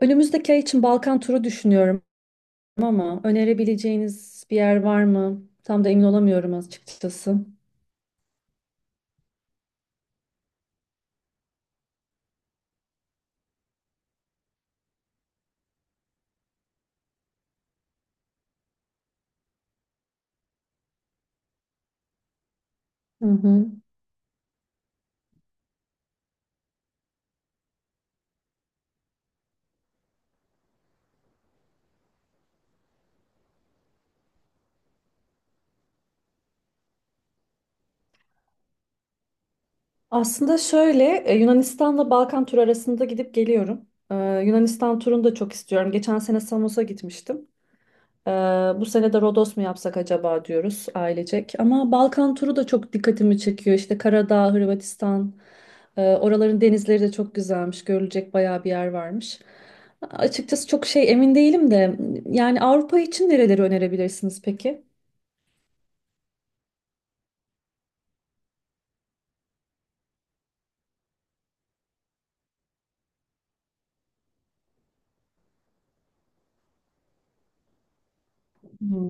Önümüzdeki ay için Balkan turu düşünüyorum ama önerebileceğiniz bir yer var mı? Tam da emin olamıyorum açıkçası. Hı hı. Aslında şöyle Yunanistan'la Balkan turu arasında gidip geliyorum. Yunanistan turunu da çok istiyorum. Geçen sene Samos'a gitmiştim. Ee, Bu sene de Rodos mu yapsak acaba diyoruz ailecek. Ama Balkan turu da çok dikkatimi çekiyor. İşte Karadağ, Hırvatistan, oraların denizleri de çok güzelmiş. Görülecek bayağı bir yer varmış. Açıkçası çok şey emin değilim de yani Avrupa için nereleri önerebilirsiniz peki? Hmm.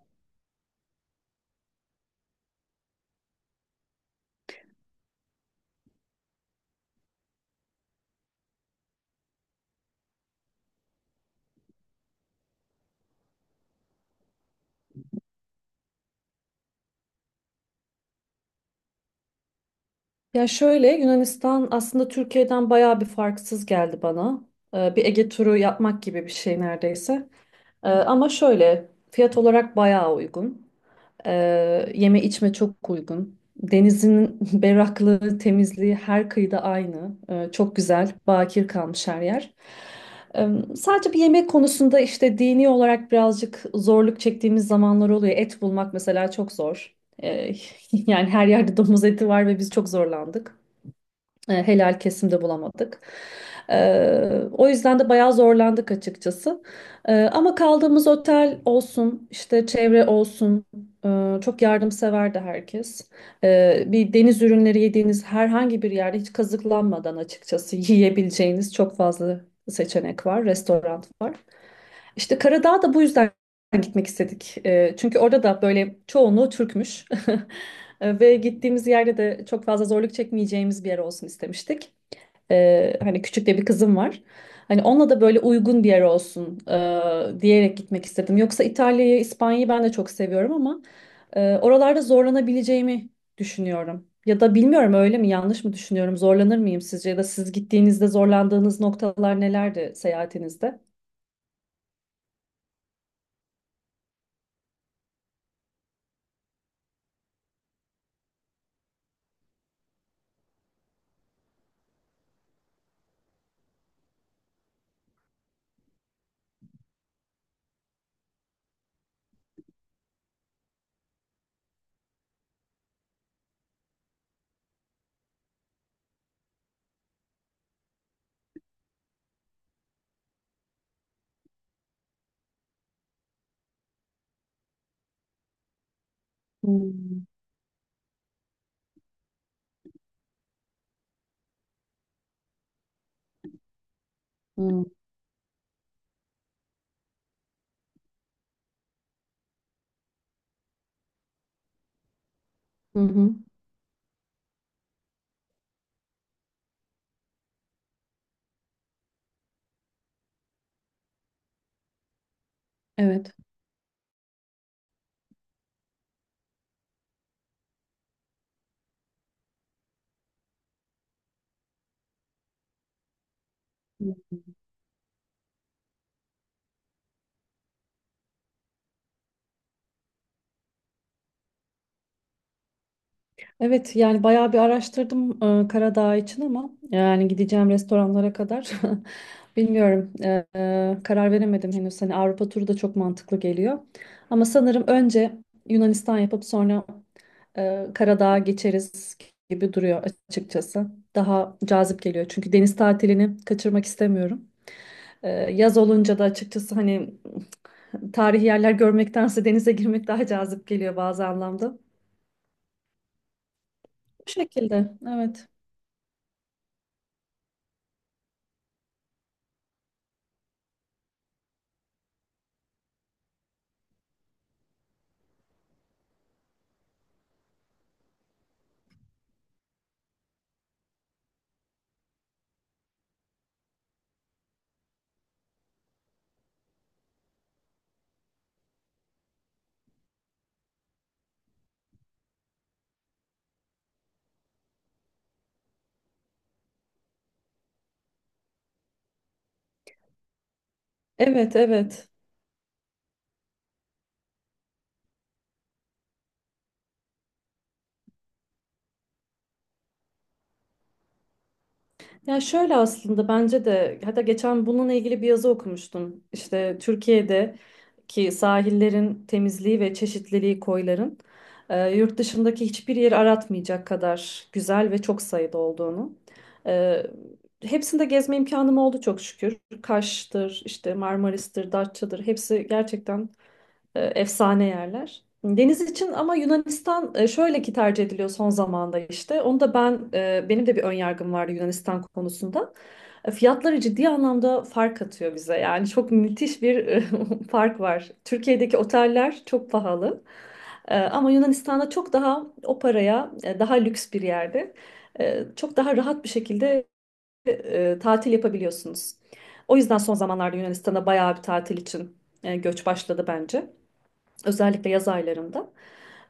Ya şöyle, Yunanistan aslında Türkiye'den bayağı bir farksız geldi bana. Bir Ege turu yapmak gibi bir şey neredeyse. Ama şöyle fiyat olarak bayağı uygun. Yeme içme çok uygun. Denizin berraklığı, temizliği her kıyıda aynı. Çok güzel, bakir kalmış her yer. Ee, Sadece bir yemek konusunda işte dini olarak birazcık zorluk çektiğimiz zamanlar oluyor. Et bulmak mesela çok zor. Ee, yani her yerde domuz eti var ve biz çok zorlandık. Helal kesimde bulamadık. E, O yüzden de bayağı zorlandık açıkçası. Ama kaldığımız otel olsun, işte çevre olsun, çok yardımseverdi herkes. Bir deniz ürünleri yediğiniz herhangi bir yerde hiç kazıklanmadan açıkçası yiyebileceğiniz çok fazla seçenek var, restoran var. İşte Karadağ'a da bu yüzden gitmek istedik. Çünkü orada da böyle çoğunluğu Türkmüş. Ve gittiğimiz yerde de çok fazla zorluk çekmeyeceğimiz bir yer olsun istemiştik. Hani küçük de bir kızım var. Hani onunla da böyle uygun bir yer olsun diyerek gitmek istedim. Yoksa İtalya'yı, İspanya'yı ben de çok seviyorum ama oralarda zorlanabileceğimi düşünüyorum. Ya da bilmiyorum, öyle mi yanlış mı düşünüyorum? Zorlanır mıyım sizce? Ya da siz gittiğinizde zorlandığınız noktalar nelerdi seyahatinizde? Hmm. Hmm. Hı hı. Evet. Evet, yani bayağı bir araştırdım Karadağ için ama yani gideceğim restoranlara kadar bilmiyorum, karar veremedim henüz. Hani Avrupa turu da çok mantıklı geliyor. Ama sanırım önce Yunanistan yapıp sonra Karadağ'a geçeriz gibi duruyor açıkçası. Daha cazip geliyor çünkü deniz tatilini kaçırmak istemiyorum. Yaz olunca da açıkçası hani tarihi yerler görmektense denize girmek daha cazip geliyor bazı anlamda. Bu şekilde, evet. Evet, evet. Ya şöyle, aslında bence de, hatta geçen bununla ilgili bir yazı okumuştum. İşte Türkiye'deki sahillerin temizliği ve çeşitliliği, koyların yurt dışındaki hiçbir yeri aratmayacak kadar güzel ve çok sayıda olduğunu. E, Hepsinde gezme imkanım oldu çok şükür. Kaş'tır, işte Marmaris'tir, Datça'dır, hepsi gerçekten efsane yerler. Deniz için ama Yunanistan şöyle ki tercih ediliyor son zamanda işte. Onu da ben, benim de bir ön yargım vardı Yunanistan konusunda. Fiyatları ciddi anlamda fark atıyor bize. Yani çok müthiş bir fark var. Türkiye'deki oteller çok pahalı. Ama Yunanistan'da çok daha o paraya daha lüks bir yerde çok daha rahat bir şekilde tatil yapabiliyorsunuz. O yüzden son zamanlarda Yunanistan'a bayağı bir tatil için göç başladı bence. Özellikle yaz aylarında.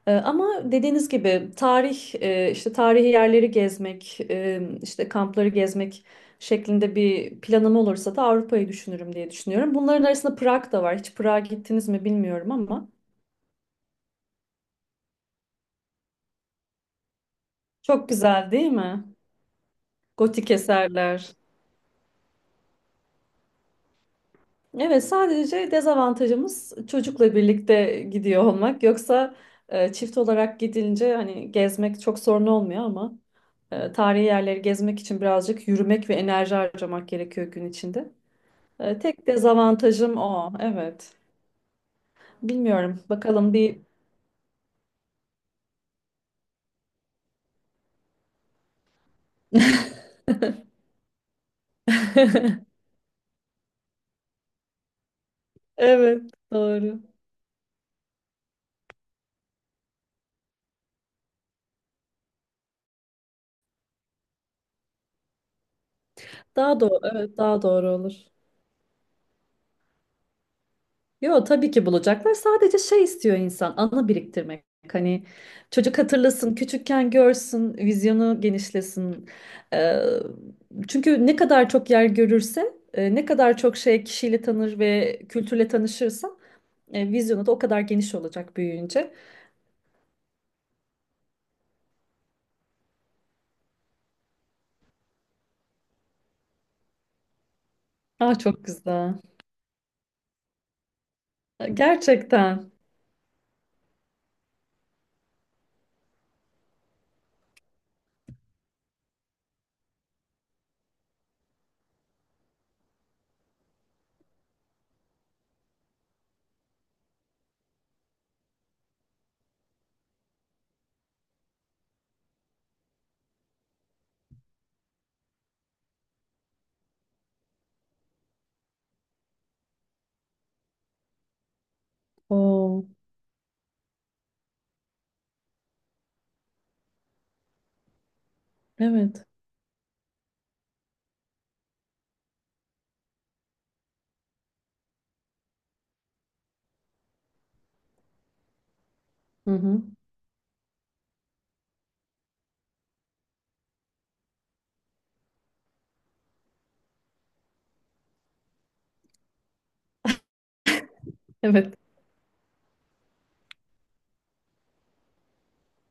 Ama dediğiniz gibi tarih, işte tarihi yerleri gezmek, işte kampları gezmek şeklinde bir planım olursa da Avrupa'yı düşünürüm diye düşünüyorum. Bunların arasında Prag da var. Hiç Prag'a gittiniz mi bilmiyorum ama çok güzel değil mi? Gotik eserler. Evet, sadece dezavantajımız çocukla birlikte gidiyor olmak. Yoksa çift olarak gidince hani gezmek çok sorun olmuyor ama. Tarihi yerleri gezmek için birazcık yürümek ve enerji harcamak gerekiyor gün içinde. Tek dezavantajım o. Evet. Bilmiyorum. Bakalım bir... Evet, doğru. Daha doğru, evet, daha doğru olur. Yo, tabii ki bulacaklar. Sadece şey istiyor insan, anı biriktirmek. Hani çocuk hatırlasın, küçükken görsün, vizyonu genişlesin. Ee, Çünkü ne kadar çok yer görürse, ne kadar çok şey kişiyle tanır ve kültürle tanışırsa vizyonu da o kadar geniş olacak büyüyünce. Aa, çok güzel. Gerçekten. Oo, evet. Hı hı. Evet.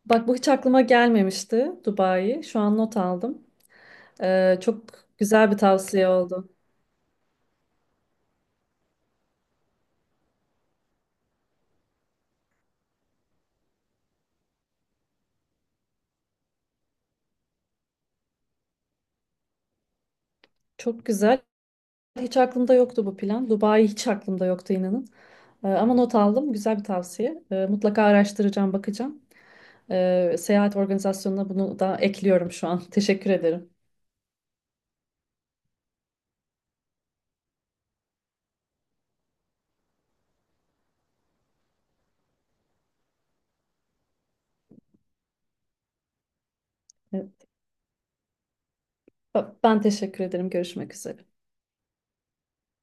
Bak, bu hiç aklıma gelmemişti, Dubai. Şu an not aldım. Çok güzel bir tavsiye oldu. Çok güzel. Hiç aklımda yoktu bu plan. Dubai hiç aklımda yoktu inanın. Ama not aldım. Güzel bir tavsiye. Mutlaka araştıracağım, bakacağım. Seyahat organizasyonuna bunu da ekliyorum şu an. Teşekkür ederim. Evet, ben teşekkür ederim. Görüşmek üzere.